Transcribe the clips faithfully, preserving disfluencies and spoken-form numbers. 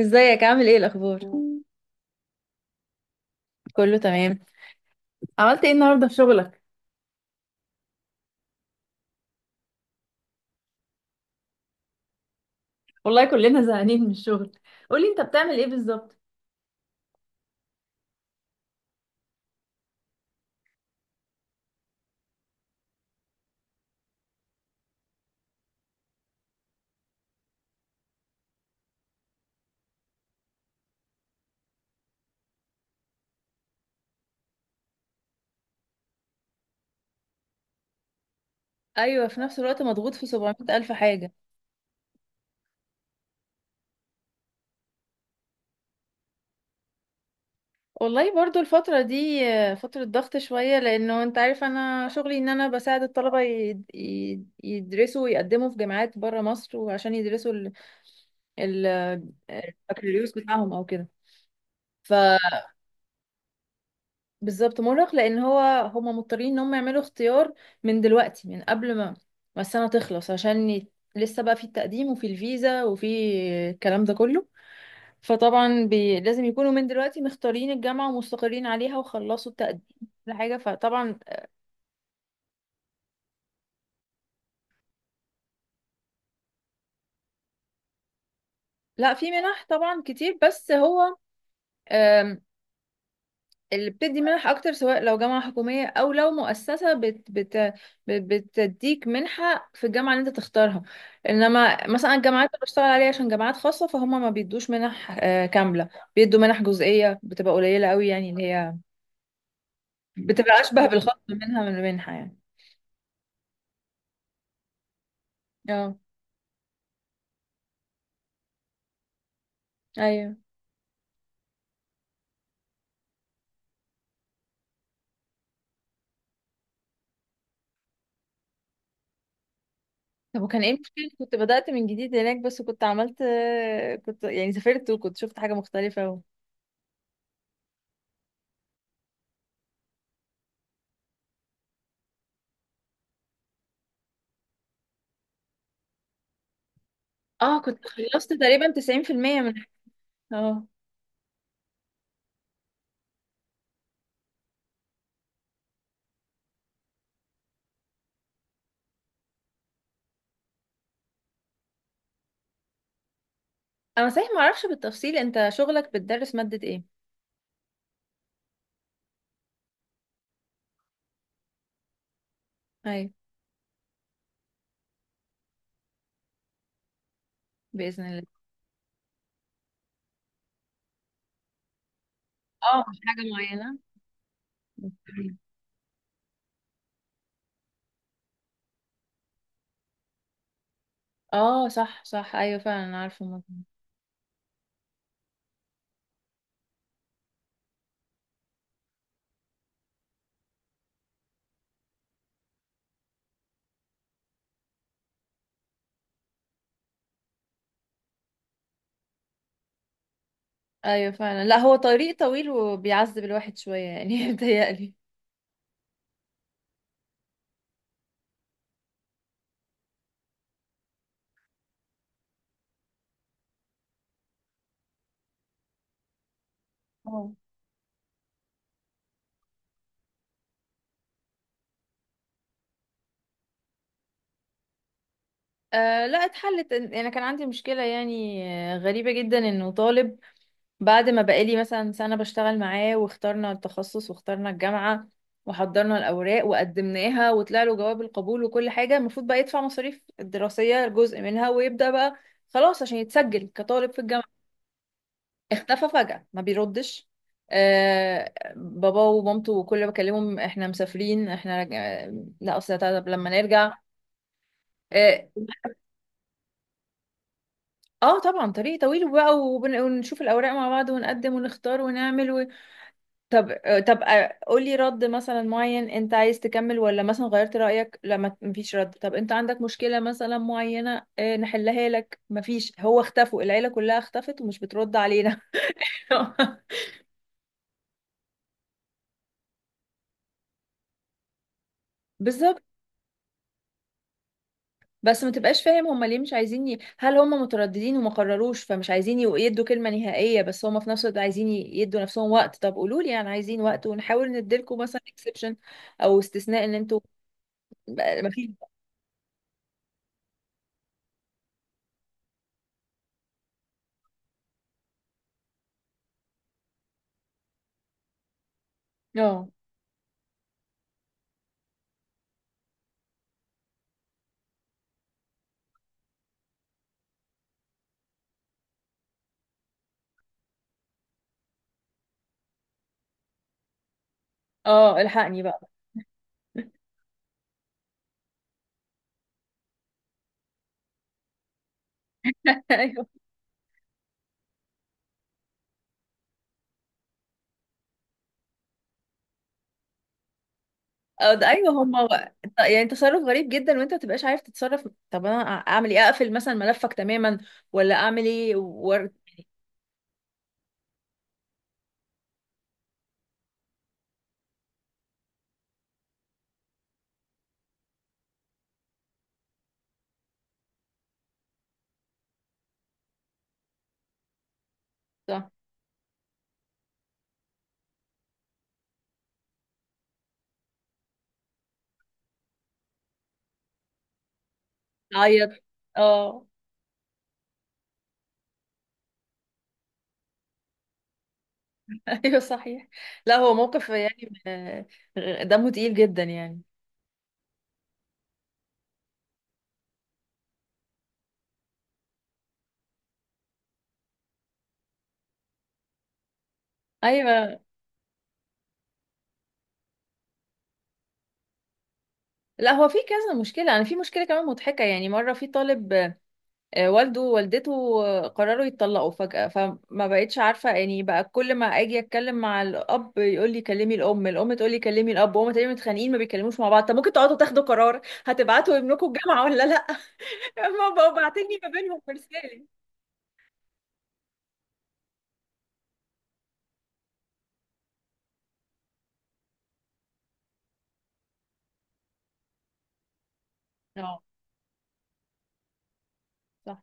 ازيك؟ عامل ايه؟ الاخبار كله تمام. عملت ايه النهارده في شغلك؟ والله كلنا زهقانين من الشغل. قولي انت بتعمل ايه بالظبط؟ ايوه، في نفس الوقت مضغوط في 700 الف حاجه. والله برضو الفترة دي آه، فترة ضغط شوية، لأنه أنت عارف أنا شغلي إن أنا بساعد الطلبة يد- يد- يدرسوا ويقدموا في جامعات برا مصر، وعشان يدرسوا ال- ال- البكالوريوس بتاعهم أو كده. بالظبط مرهق، لان هو هما مضطرين ان هم يعملوا اختيار من دلوقتي، من قبل ما ما السنه تخلص، عشان ي... لسه بقى في التقديم وفي الفيزا وفي الكلام ده كله. فطبعا بي... لازم يكونوا من دلوقتي مختارين الجامعه ومستقرين عليها وخلصوا التقديم لحاجه. فطبعا. لا، في منح طبعا كتير، بس هو اللي بتدي منح اكتر، سواء لو جامعة حكومية او لو مؤسسة بت بت بت- بتديك منحة في الجامعة اللي انت تختارها. انما مثلا الجامعات اللي بشتغل عليها عشان جامعات خاصة، فهم ما بيدوش منح آه، كاملة. بيدوا منح جزئية، بتبقى قليلة قوي، يعني اللي هي بتبقى اشبه بالخصم منها من المنحة يعني. اه. ايوه. طب وكان ايه المشكلة؟ كنت بدأت من جديد هناك، بس كنت عملت آه، كنت يعني سافرت وكنت شفت حاجة مختلفة و... اه، كنت خلصت تقريبا تسعين في المية من. اه. انا صحيح ما اعرفش بالتفصيل، انت شغلك بتدرس مادة ايه؟ ايوه، باذن الله. اه، مش حاجة معينة. اه صح صح، ايوه فعلا، أنا عارفه الموضوع ده. ايوه فعلا، لا هو طريق طويل وبيعذب الواحد شويه يعني، متهيألي. اه. آه، لا اتحلت، انا كان عندي مشكله يعني، آه، غريبه جدا انه طالب بعد ما بقالي مثلا سنة بشتغل معاه، واخترنا التخصص واخترنا الجامعة وحضرنا الأوراق وقدمناها وطلع له جواب القبول وكل حاجة، المفروض بقى يدفع مصاريف الدراسية جزء منها ويبدأ بقى خلاص عشان يتسجل كطالب في الجامعة، اختفى فجأة ما بيردش. آه، بابا ومامته كل ما بكلمهم: احنا مسافرين، احنا رج... آه، لا اصل طب لما نرجع. اه. آه، طبعا طريق طويل بقى، وبن- ونشوف الأوراق مع بعض ونقدم ونختار ونعمل. طب آه، طب آه، قولي رد مثلا معين، انت عايز تكمل ولا مثلا غيرت رأيك؟ لما مفيش رد، طب انت عندك مشكلة مثلا معينة آه، نحلها لك؟ مفيش، هو اختفوا، العيلة كلها اختفت ومش بترد علينا. بالظبط. بس ما تبقاش فاهم هما ليه مش عايزين ي... هل هما مترددين وما قرروش فمش عايزين يو- يدوا كلمة نهائية، بس هما في نفس الوقت عايزين ي- يدوا نفسهم وقت. طب قولوا لي يعني عايزين وقت، ونحاول نديلكم مثلا اكسبشن او استثناء، ان انتوا ما فيش. اه اه، الحقني بقى. أو ده، ايوه هما. ط- يعني تصرف غريب جدا، وانت ما تبقاش عارف تتصرف. طب انا اعمل ايه؟ اقفل مثلا ملفك تماما، ولا اعمل ايه ورد؟ صح، اعيط. اه. ايوه صحيح. لا هو موقف يعني آه، دمه تقيل جدا يعني. ايوه. لا، هو في كذا مشكله. انا في مشكله كمان مضحكه يعني، مره في طالب آه، والده ووالدته آه، قرروا يتطلقوا فجأة، فما بقتش عارفة يعني بقى، كل ما اجي اتكلم مع الاب يقول لي كلمي الام، الام تقول لي كلمي الاب، وهما تقريبا متخانقين ما بيتكلموش مع بعض. طب ممكن تقعدوا تاخدوا قرار، هتبعتوا ابنكم الجامعة ولا لا؟ ما بقوا باعتيني ما بينهم في رسالة. اه صح.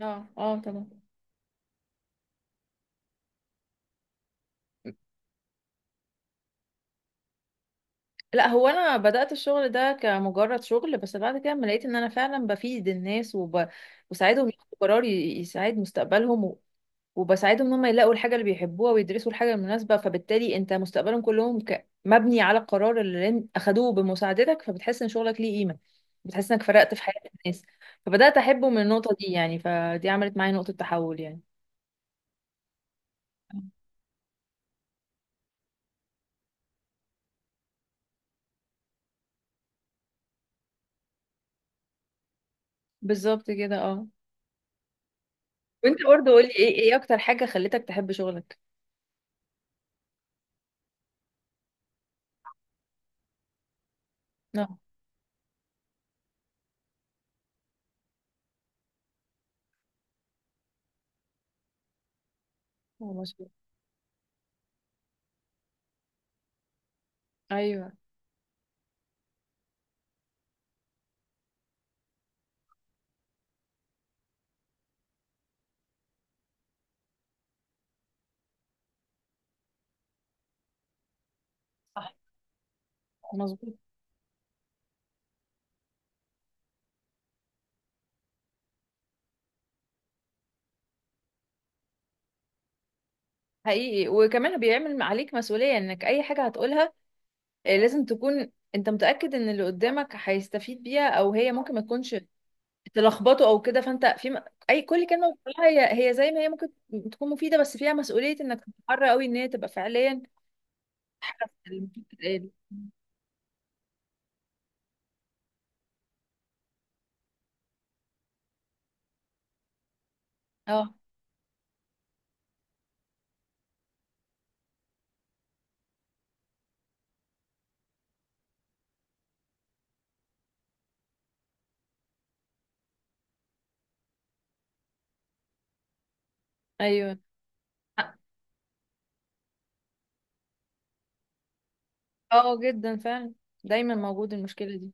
اه اه طبعا. لا، هو انا بدأت الشغل ده كمجرد شغل، بس بعد كده لما لقيت ان انا فعلا بفيد الناس وب... وساعدهم ياخدوا قرار ي- يساعد مستقبلهم، وبساعدهم ان هم يلاقوا الحاجه اللي بيحبوها ويدرسوا الحاجه المناسبه، فبالتالي انت مستقبلهم كلهم ك- مبني على القرار اللي ان- اخدوه بمساعدتك، فبتحس ان شغلك ليه قيمه، بتحس انك فرقت في حياه الناس، فبدات احبه من النقطه دي يعني، فدي عملت معايا نقطه تحول يعني. بالظبط كده اه. وانت برضه قولي، ايه ايه اكتر حاجه خلتك تحب شغلك؟ اه. هو مظبوط. ايوه صح مظبوط. حقيقي، وكمان بيعمل عليك مسؤوليه انك اي حاجه هتقولها آه، لازم تكون انت متأكد ان اللي قدامك هيستفيد بيها، او هي ممكن ما تكونش تلخبطه او كده. فانت في م... اي كل كلمة بتقولها هي هي زي ما هي، ممكن تكون مفيدة بس فيها مسؤولية انك تتحرى قوي ان هي تبقى فعليا حاجة اللي المفروض تتقال. اه. ايوه. اه جدا فعلا، دايما موجود المشكلة دي.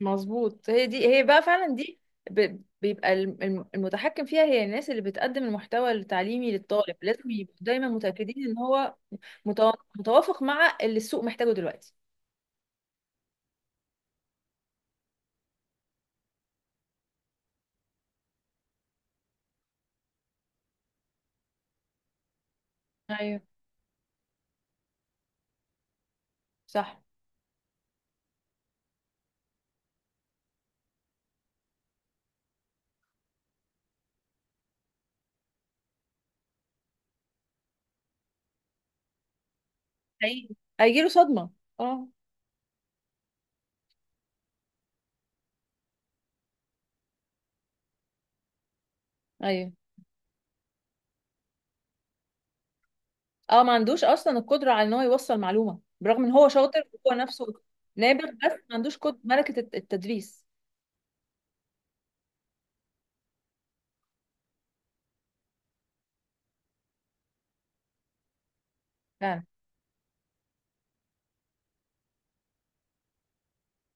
مظبوط، هي دي هي بقى فعلا دي ب... بيبقى الم- الم- المتحكم فيها هي الناس اللي بتقدم المحتوى التعليمي للطالب، لازم يبقوا دايما متأكدين ان هو متو- متوافق مع اللي السوق محتاجه دلوقتي. ايوه صح. هي- هيجيله صدمة. اه. ايوه اه، ما عندوش اصلا القدرة على ان هو يوصل معلومة، برغم ان هو شاطر وهو نفسه نابغ، بس ما عندوش قد ملكة الت- التدريس. فعلا.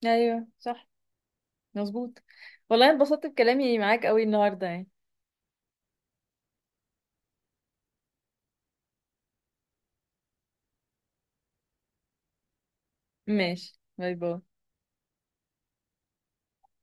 ايوه صح مظبوط. والله انبسطت بكلامي معاك قوي النهاردة يعني. ماشي، باي باي.